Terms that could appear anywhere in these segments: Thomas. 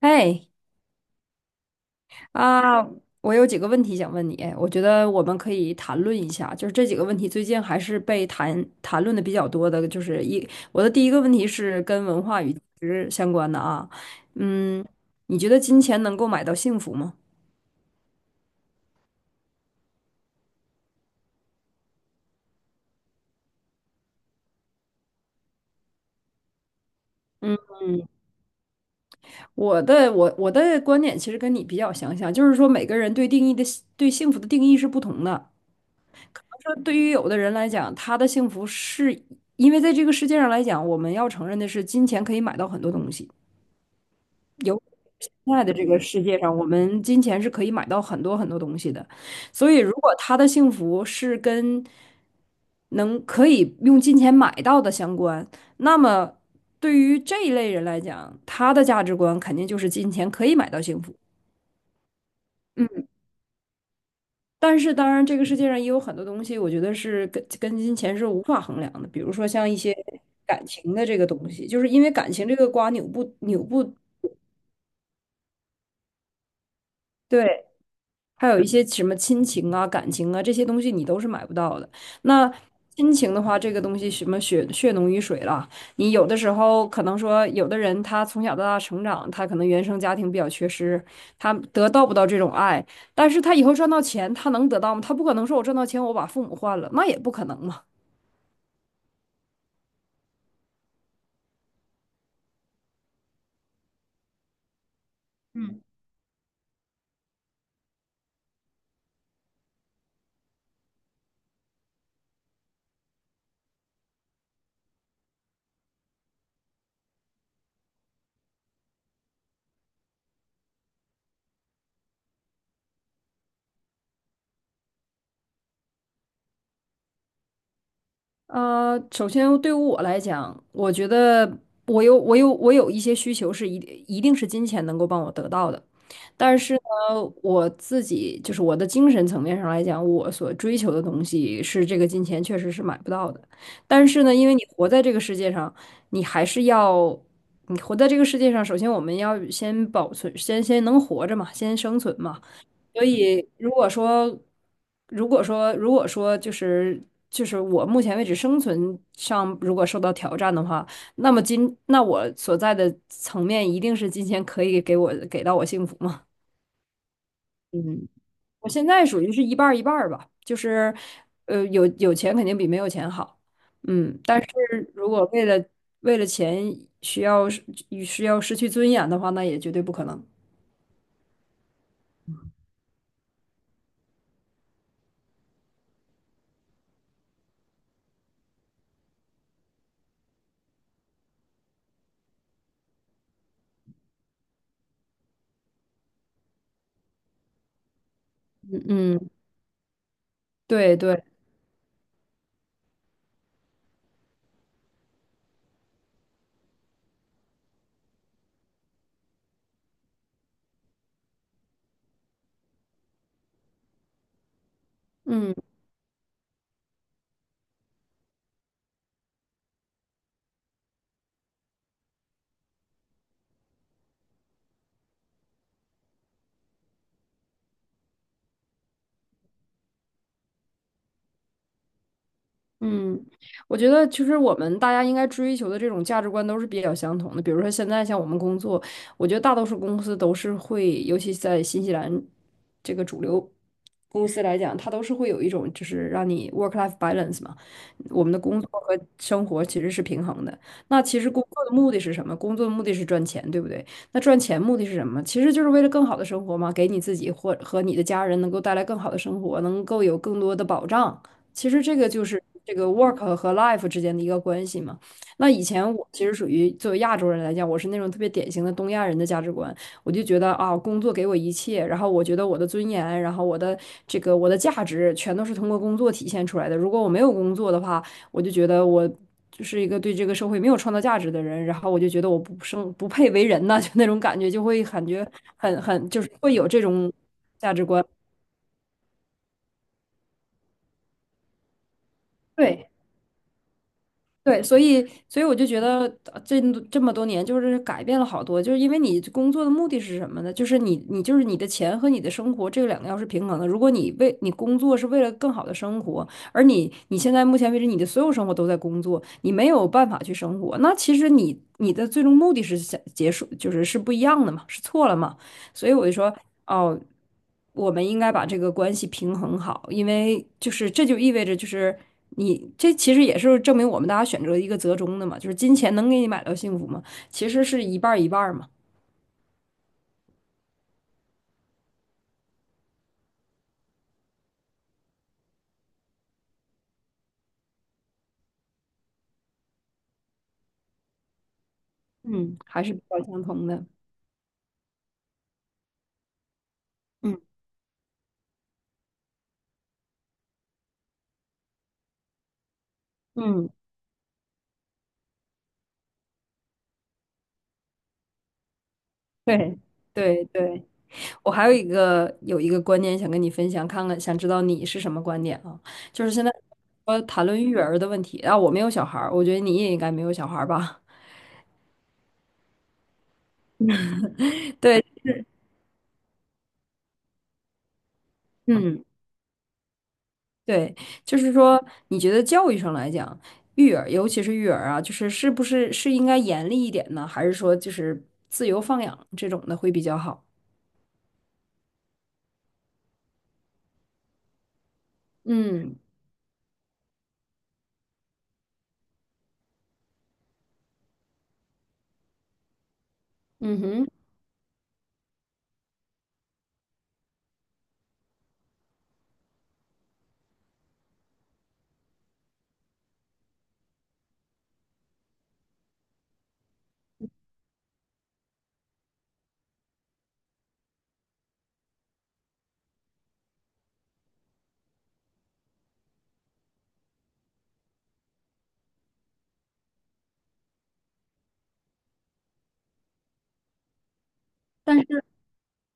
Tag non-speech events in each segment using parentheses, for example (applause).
哎啊，我有几个问题想问你，我觉得我们可以谈论一下，就是这几个问题最近还是被谈论的比较多的，就是一，我的第一个问题是跟文化与价值相关的啊，嗯，你觉得金钱能够买到幸福吗？我的观点其实跟你比较相像，就是说每个人对定义的对幸福的定义是不同的。说对于有的人来讲，他的幸福是因为在这个世界上来讲，我们要承认的是，金钱可以买到很多东西。有现在的这个世界上，我们金钱是可以买到很多很多东西的，所以如果他的幸福是跟能可以用金钱买到的相关，那么对于这一类人来讲，他的价值观肯定就是金钱可以买到幸福。嗯，但是当然，这个世界上也有很多东西，我觉得是跟金钱是无法衡量的，比如说像一些感情的这个东西，就是因为感情这个瓜扭不对。还有一些什么亲情啊、感情啊这些东西，你都是买不到的。那亲情的话，这个东西什么血浓于水了，你有的时候可能说，有的人他从小到大成长，他可能原生家庭比较缺失，他得到不到这种爱，但是他以后赚到钱，他能得到吗？他不可能说我赚到钱，我把父母换了，那也不可能嘛。首先对于我来讲，我觉得我有一些需求是一定一定是金钱能够帮我得到的，但是呢，我自己就是我的精神层面上来讲，我所追求的东西是这个金钱确实是买不到的。但是呢，因为你活在这个世界上，你还是要你活在这个世界上，首先我们要先保存，先能活着嘛，先生存嘛。所以，如果说，就是我目前为止生存上如果受到挑战的话，那么那我所在的层面一定是金钱可以给到我幸福吗？嗯我现在属于是一半儿一半儿吧，就是，有钱肯定比没有钱好，嗯，但是如果为了钱需要是需要失去尊严的话，那也绝对不可能。嗯，对对，嗯。嗯，我觉得其实我们大家应该追求的这种价值观都是比较相同的。比如说现在像我们工作，我觉得大多数公司都是会，尤其在新西兰这个主流公司来讲，它都是会有一种就是让你 work-life balance 嘛，我们的工作和生活其实是平衡的。那其实工作的目的是什么？工作的目的是赚钱，对不对？那赚钱目的是什么？其实就是为了更好的生活嘛，给你自己或和你的家人能够带来更好的生活，能够有更多的保障。其实这个就是这个 work 和 life 之间的一个关系嘛。那以前我其实属于作为亚洲人来讲，我是那种特别典型的东亚人的价值观，我就觉得啊，工作给我一切，然后我觉得我的尊严，然后我的价值全都是通过工作体现出来的。如果我没有工作的话，我就觉得我就是一个对这个社会没有创造价值的人，然后我就觉得我不配为人呐，(laughs) 就那种感觉，就会感觉很就是会有这种价值观。对。对，所以我就觉得呃这这么多年就是改变了好多，就是因为你工作的目的是什么呢？就是你的钱和你的生活这两个要是平衡的。如果你为你工作是为了更好的生活，而你现在目前为止你的所有生活都在工作，你没有办法去生活，那其实你的最终目的是想结束，是不一样的嘛，是错了嘛。所以我就说，哦，我们应该把这个关系平衡好，因为就是这就意味着。你这其实也是证明我们大家选择一个折中的嘛，就是金钱能给你买到幸福吗？其实是一半儿一半儿嘛，嗯，还是比较相同的，嗯嗯，对对对，我还有一个观点想跟你分享，看看想知道你是什么观点啊？就是现在说谈论育儿的问题，啊，我没有小孩儿，我觉得你也应该没有小孩儿吧？(laughs) 对，嗯。对，就是说，你觉得教育上来讲，育儿，尤其是育儿啊，就是是不是应该严厉一点呢？还是说就是自由放养这种的会比较好？嗯嗯哼。但是。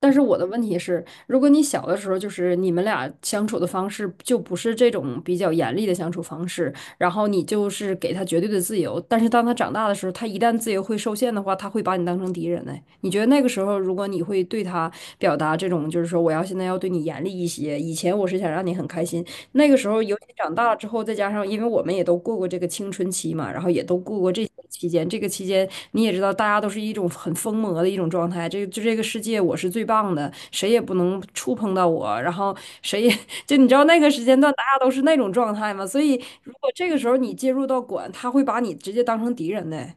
但是我的问题是，如果你小的时候就是你们俩相处的方式就不是这种比较严厉的相处方式，然后你就是给他绝对的自由，但是当他长大的时候，他一旦自由会受限的话，他会把你当成敌人呢。你觉得那个时候，如果你会对他表达这种，就是说我要现在要对你严厉一些，以前我是想让你很开心，那个时候，尤其长大了之后，再加上因为我们也都过过这个青春期嘛，然后也都过过这些期间。这个期间，你也知道，大家都是一种很疯魔的一种状态。这个就这个世界，我是最棒的，谁也不能触碰到我。然后谁也 (laughs) 就你知道那个时间段，大家都是那种状态嘛。所以，如果这个时候你介入到管，他会把你直接当成敌人的。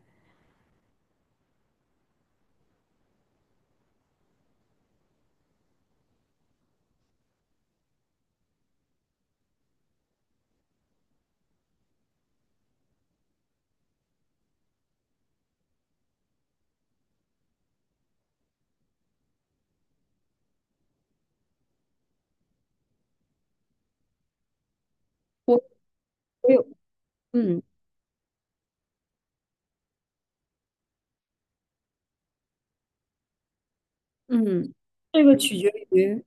我我有，嗯嗯，这个取决于。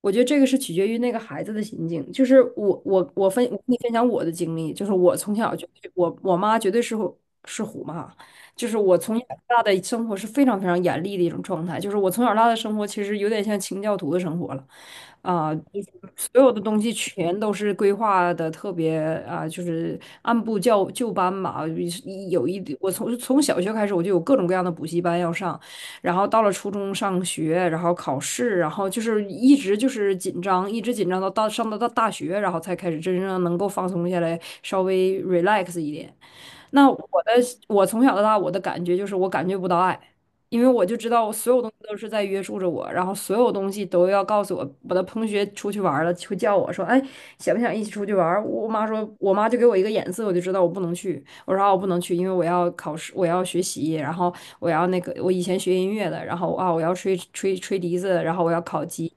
我觉得这个是取决于那个孩子的心境。就是我跟你分享我的经历，就是我从小就我妈绝对虎妈，就是我从小到大的生活是非常非常严厉的一种状态。就是我从小到大的生活其实有点像清教徒的生活了，啊、就是所有的东西全都是规划的特别按部就班吧。有一有一我从小学开始我就有各种各样的补习班要上。然后到了初中上学，然后考试，然后就是一直就是紧张，一直紧张到到上到到大学，然后才开始真正能够放松下来，稍微 relax 一点。那我的我从小到大我的感觉就是我感觉不到爱，因为我就知道我所有东西都是在约束着我，然后所有东西都要告诉我。我的同学出去玩儿了，会叫我说：“哎，想不想一起出去玩儿我妈说，我妈就给我一个眼色，我就知道我不能去。我说啊，我不能去，因为我要考试，我要学习，然后我要那个，我以前学音乐的，然后啊，我要吹笛子，然后我要考级，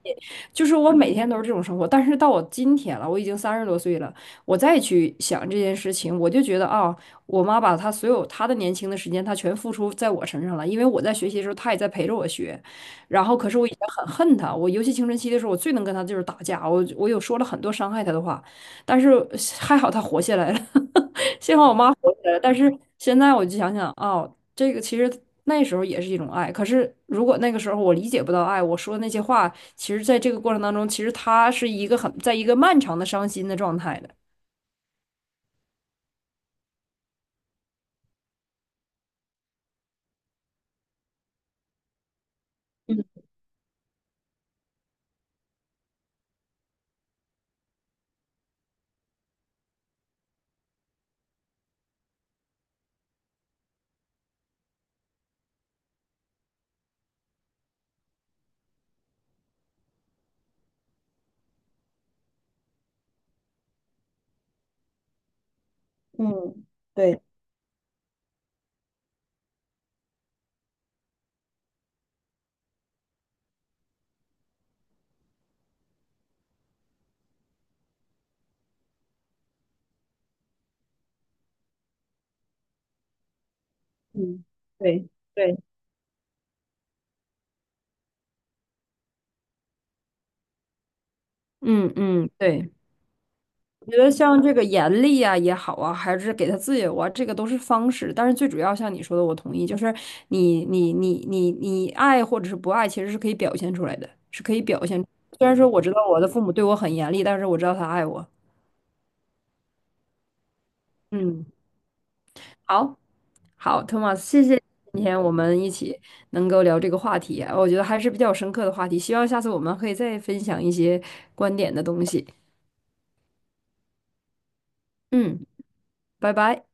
就是我每天都是这种生活。但是到我今天了，我已经三十多岁了，我再去想这件事情，我就觉得啊，我妈把她所有她的年轻的时间，她全付出在我身上了，因为我在学习的时候，她也在陪着我学。然后，可是我以前很恨她，我尤其青春期的时候，我最能跟她就是打架，我有说了很多伤害她的话，但是还好她活下来了。(laughs) 幸好我妈活下来了，但是现在我就想想，哦，这个其实那时候也是一种爱。可是如果那个时候我理解不到爱，我说的那些话，其实在这个过程当中，其实她是一个很，在一个漫长的伤心的状态的。嗯，对对，嗯嗯，对。我觉得像这个严厉啊也好啊，还是给他自由啊，这个都是方式。但是最主要像你说的，我同意，就是你爱或者是不爱，其实是可以表现出来的，是可以表现。虽然说我知道我的父母对我很严厉，但是我知道他爱我。嗯，好，好，Thomas，谢谢今天我们一起能够聊这个话题啊，我觉得还是比较深刻的话题。希望下次我们可以再分享一些观点的东西。嗯，拜拜。